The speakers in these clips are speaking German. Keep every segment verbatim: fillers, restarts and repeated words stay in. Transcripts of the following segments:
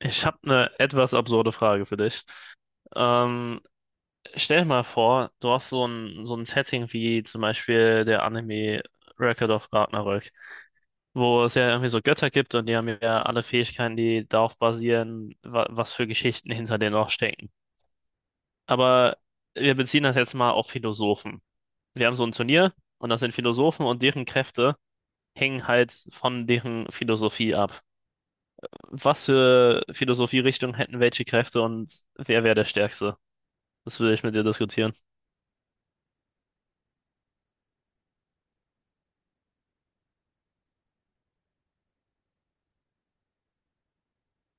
Ich habe eine etwas absurde Frage für dich. Ähm, Stell dir mal vor, du hast so ein, so ein Setting wie zum Beispiel der Anime Record of Ragnarök, wo es ja irgendwie so Götter gibt und die haben ja alle Fähigkeiten, die darauf basieren, wa was für Geschichten hinter denen noch stecken. Aber wir beziehen das jetzt mal auf Philosophen. Wir haben so ein Turnier und das sind Philosophen und deren Kräfte hängen halt von deren Philosophie ab. Was für Philosophierichtung hätten welche Kräfte und wer wäre der Stärkste? Das will ich mit dir diskutieren.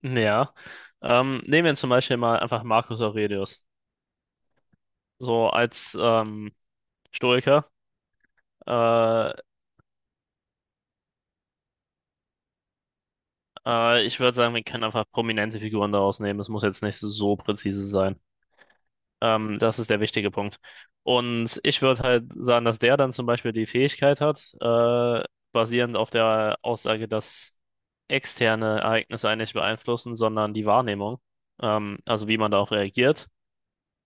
Ja. Ähm, nehmen wir zum Beispiel mal einfach Marcus Aurelius. So als ähm, Stoiker. Äh, äh, ich würde sagen, wir können einfach prominente Figuren daraus nehmen. Es muss jetzt nicht so präzise sein. Ähm, das ist der wichtige Punkt. Und ich würde halt sagen, dass der dann zum Beispiel die Fähigkeit hat, äh, basierend auf der Aussage, dass externe Ereignisse einen nicht beeinflussen, sondern die Wahrnehmung. Ähm, also wie man darauf reagiert.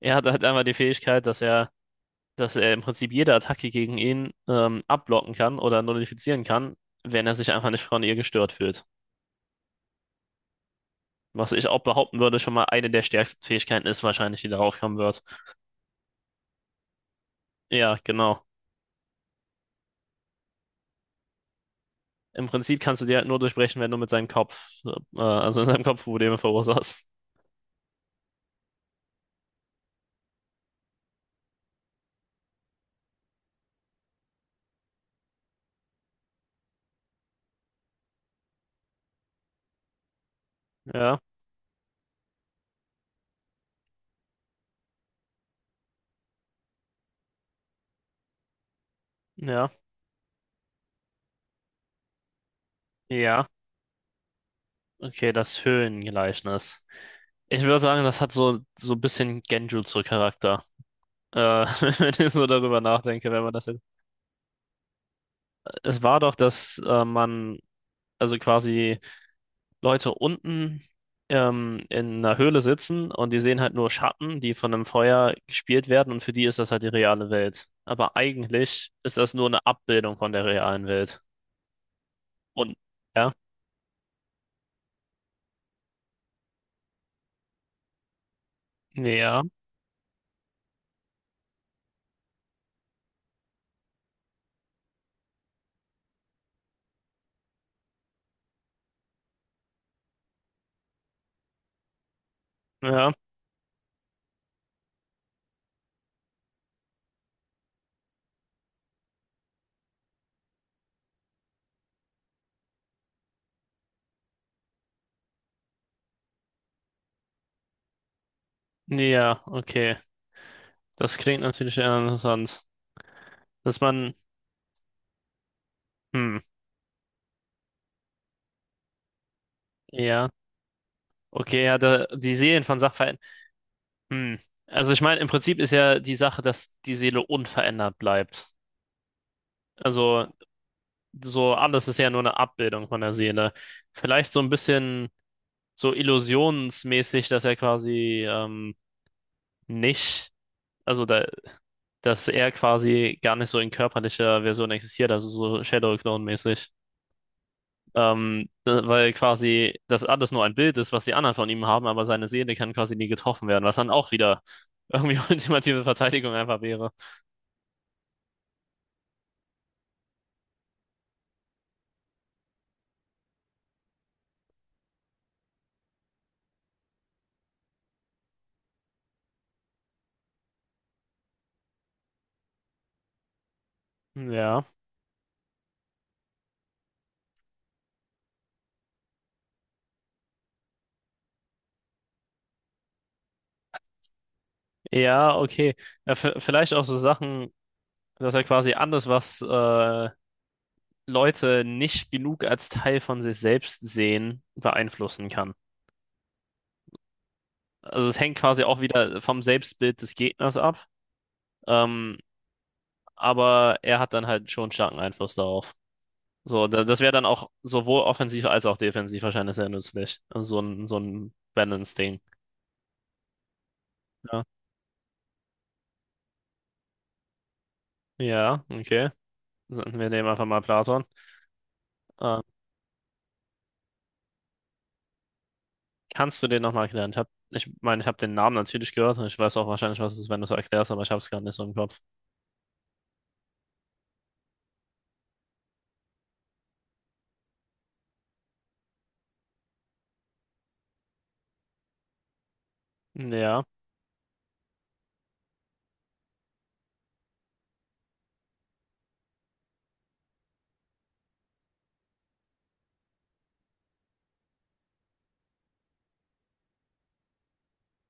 Er hat halt einmal die Fähigkeit, dass er dass er im Prinzip jede Attacke gegen ihn ähm, abblocken kann oder nullifizieren kann, wenn er sich einfach nicht von ihr gestört fühlt. Was ich auch behaupten würde, schon mal eine der stärksten Fähigkeiten ist wahrscheinlich, die darauf kommen wird. Ja, genau. Im Prinzip kannst du die halt nur durchbrechen, wenn du mit seinem Kopf, äh, also in seinem Kopf Probleme verursachst. Ja, ja, ja. Okay, das Höhlengleichnis. Ich würde sagen, das hat so, so ein bisschen Genjutsu-Charakter. Äh, wenn ich so darüber nachdenke, wenn man das jetzt. Es war doch, dass äh, man also quasi Leute unten ähm, in einer Höhle sitzen und die sehen halt nur Schatten, die von einem Feuer gespielt werden und für die ist das halt die reale Welt. Aber eigentlich ist das nur eine Abbildung von der realen Welt. Und ja, ja, ja, ja, okay. Das klingt natürlich eher interessant. Dass man, hm, ja, okay, ja, da, die Seelen von Sachverhalten, hm. Also ich meine, im Prinzip ist ja die Sache, dass die Seele unverändert bleibt. Also so alles ist ja nur eine Abbildung von der Seele. Vielleicht so ein bisschen so illusionsmäßig, dass er quasi ähm, nicht, also da, dass er quasi gar nicht so in körperlicher Version existiert, also so Shadow Clone-mäßig. Ähm, da- weil quasi das alles nur ein Bild ist, was die anderen von ihm haben, aber seine Seele kann quasi nie getroffen werden, was dann auch wieder irgendwie ultimative Verteidigung einfach wäre. Ja, ja, okay. Ja, v- vielleicht auch so Sachen, dass er quasi alles, was äh, Leute nicht genug als Teil von sich selbst sehen, beeinflussen kann. Also es hängt quasi auch wieder vom Selbstbild des Gegners ab, ähm, aber er hat dann halt schon starken Einfluss darauf. So, da- das wäre dann auch sowohl offensiv als auch defensiv wahrscheinlich sehr nützlich. Also so ein, so ein Balance-Ding. Ja. Ja, okay. Dann- wir nehmen einfach mal Platon. Ähm, kannst du den nochmal erklären? Ich, hab, ich meine, ich habe den Namen natürlich gehört und ich weiß auch wahrscheinlich, was es ist, wenn du es erklärst, aber ich habe es gerade nicht so im Kopf. Ja,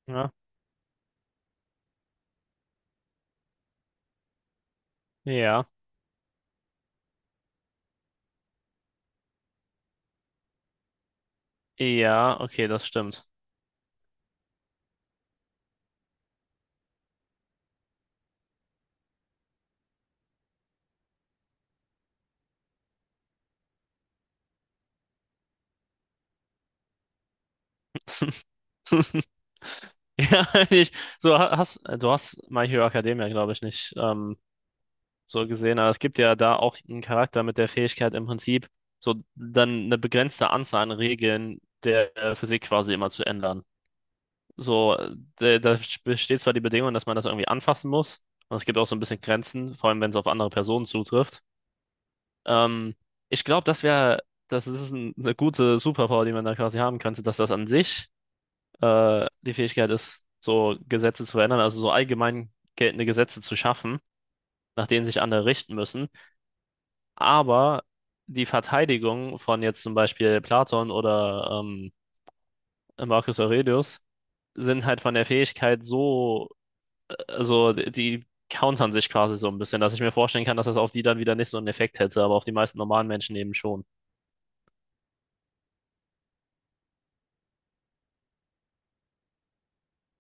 ja, ja. Ja, okay, das stimmt. Ja, ich, so ha- hast du hast My Hero Academia, glaube ich, nicht ähm, so gesehen, aber es gibt ja da auch einen Charakter mit der Fähigkeit im Prinzip so dann eine begrenzte Anzahl an Regeln der äh, Physik quasi immer zu ändern. So, äh, da da besteht zwar die Bedingung, dass man das irgendwie anfassen muss, und es gibt auch so ein bisschen Grenzen, vor allem wenn es auf andere Personen zutrifft. Ähm, ich glaube, das wäre, das ist ein, eine gute Superpower, die man da quasi haben könnte, dass das an sich äh, die Fähigkeit ist, so Gesetze zu verändern, also so allgemein geltende Gesetze zu schaffen, nach denen sich andere richten müssen. Aber die Verteidigung von jetzt zum Beispiel Platon oder ähm, Marcus Aurelius sind halt von der Fähigkeit so, äh, also die countern sich quasi so ein bisschen, dass ich mir vorstellen kann, dass das auf die dann wieder nicht so einen Effekt hätte, aber auf die meisten normalen Menschen eben schon.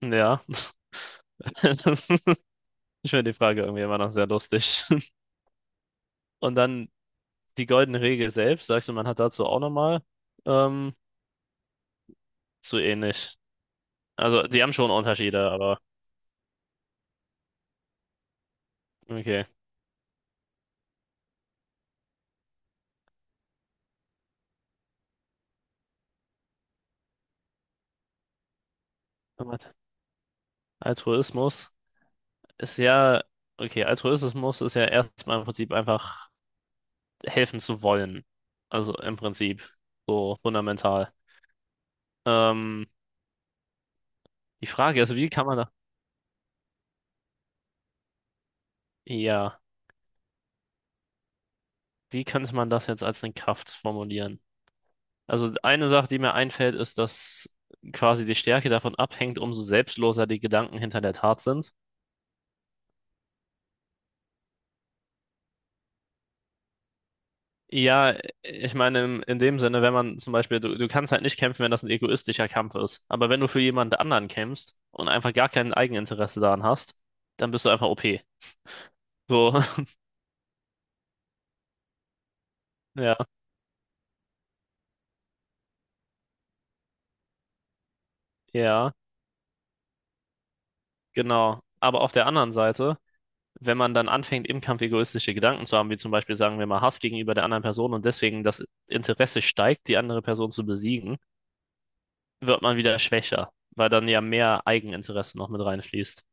Ja, das ist- ich finde die Frage irgendwie immer noch sehr lustig. Und dann die goldene Regel selbst, sagst du, man hat dazu auch nochmal ähm, zu ähnlich. Also, die haben schon Unterschiede, aber okay. Warte. Altruismus ist ja, okay, Altruismus ist ja erstmal im Prinzip einfach helfen zu wollen. Also im Prinzip so fundamental. Ähm, die Frage ist, wie kann man da, ja, wie könnte man das jetzt als eine Kraft formulieren? Also, eine Sache, die mir einfällt, ist, dass quasi die Stärke davon abhängt, umso selbstloser die Gedanken hinter der Tat sind. Ja, ich meine, in, in dem Sinne, wenn man zum Beispiel, du, du kannst halt nicht kämpfen, wenn das ein egoistischer Kampf ist. Aber wenn du für jemand anderen kämpfst und einfach gar kein Eigeninteresse daran hast, dann bist du einfach O P. So, ja, ja, genau. Aber auf der anderen Seite, wenn man dann anfängt, im Kampf egoistische Gedanken zu haben, wie zum Beispiel, sagen wir mal, Hass gegenüber der anderen Person und deswegen das Interesse steigt, die andere Person zu besiegen, wird man wieder schwächer, weil dann ja mehr Eigeninteresse noch mit reinfließt.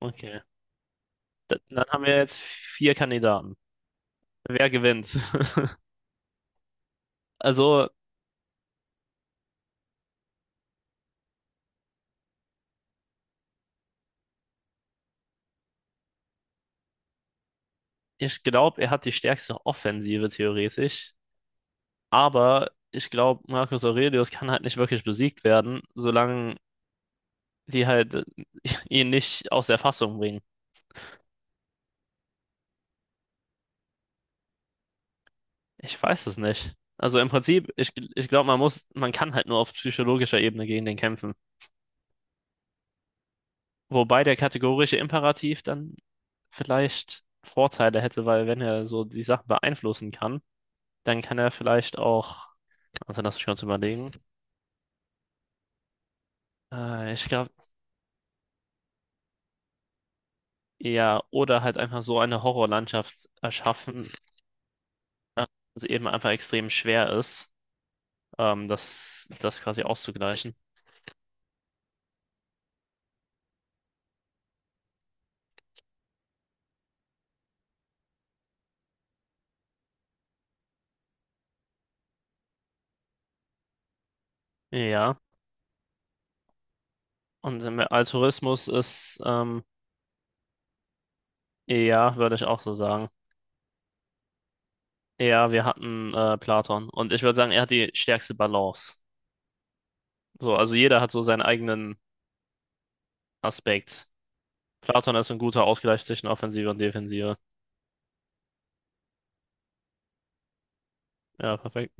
Okay. Da- Dann haben wir jetzt vier Kandidaten. Wer gewinnt? Also, ich glaube, er hat die stärkste Offensive theoretisch, aber ich glaube, Marcus Aurelius kann halt nicht wirklich besiegt werden, solange die halt ihn nicht aus der Fassung bringen. Ich weiß es nicht. Also im Prinzip, ich, ich glaube, man muss, man kann halt nur auf psychologischer Ebene gegen den kämpfen. Wobei der kategorische Imperativ dann vielleicht Vorteile hätte, weil wenn er so die Sachen beeinflussen kann, dann kann er vielleicht auch, also lass mich kurz überlegen. Äh, ich glaube, Ja, oder halt einfach so eine Horrorlandschaft erschaffen, dass eben einfach extrem schwer ist, ähm, das, das quasi auszugleichen. Ja, und im Altruismus ist, ähm, ja, würde ich auch so sagen. Ja, wir hatten äh, Platon und ich würde sagen, er hat die stärkste Balance. So, also jeder hat so seinen eigenen Aspekt. Platon ist ein guter Ausgleich zwischen Offensive und Defensive. Ja, perfekt.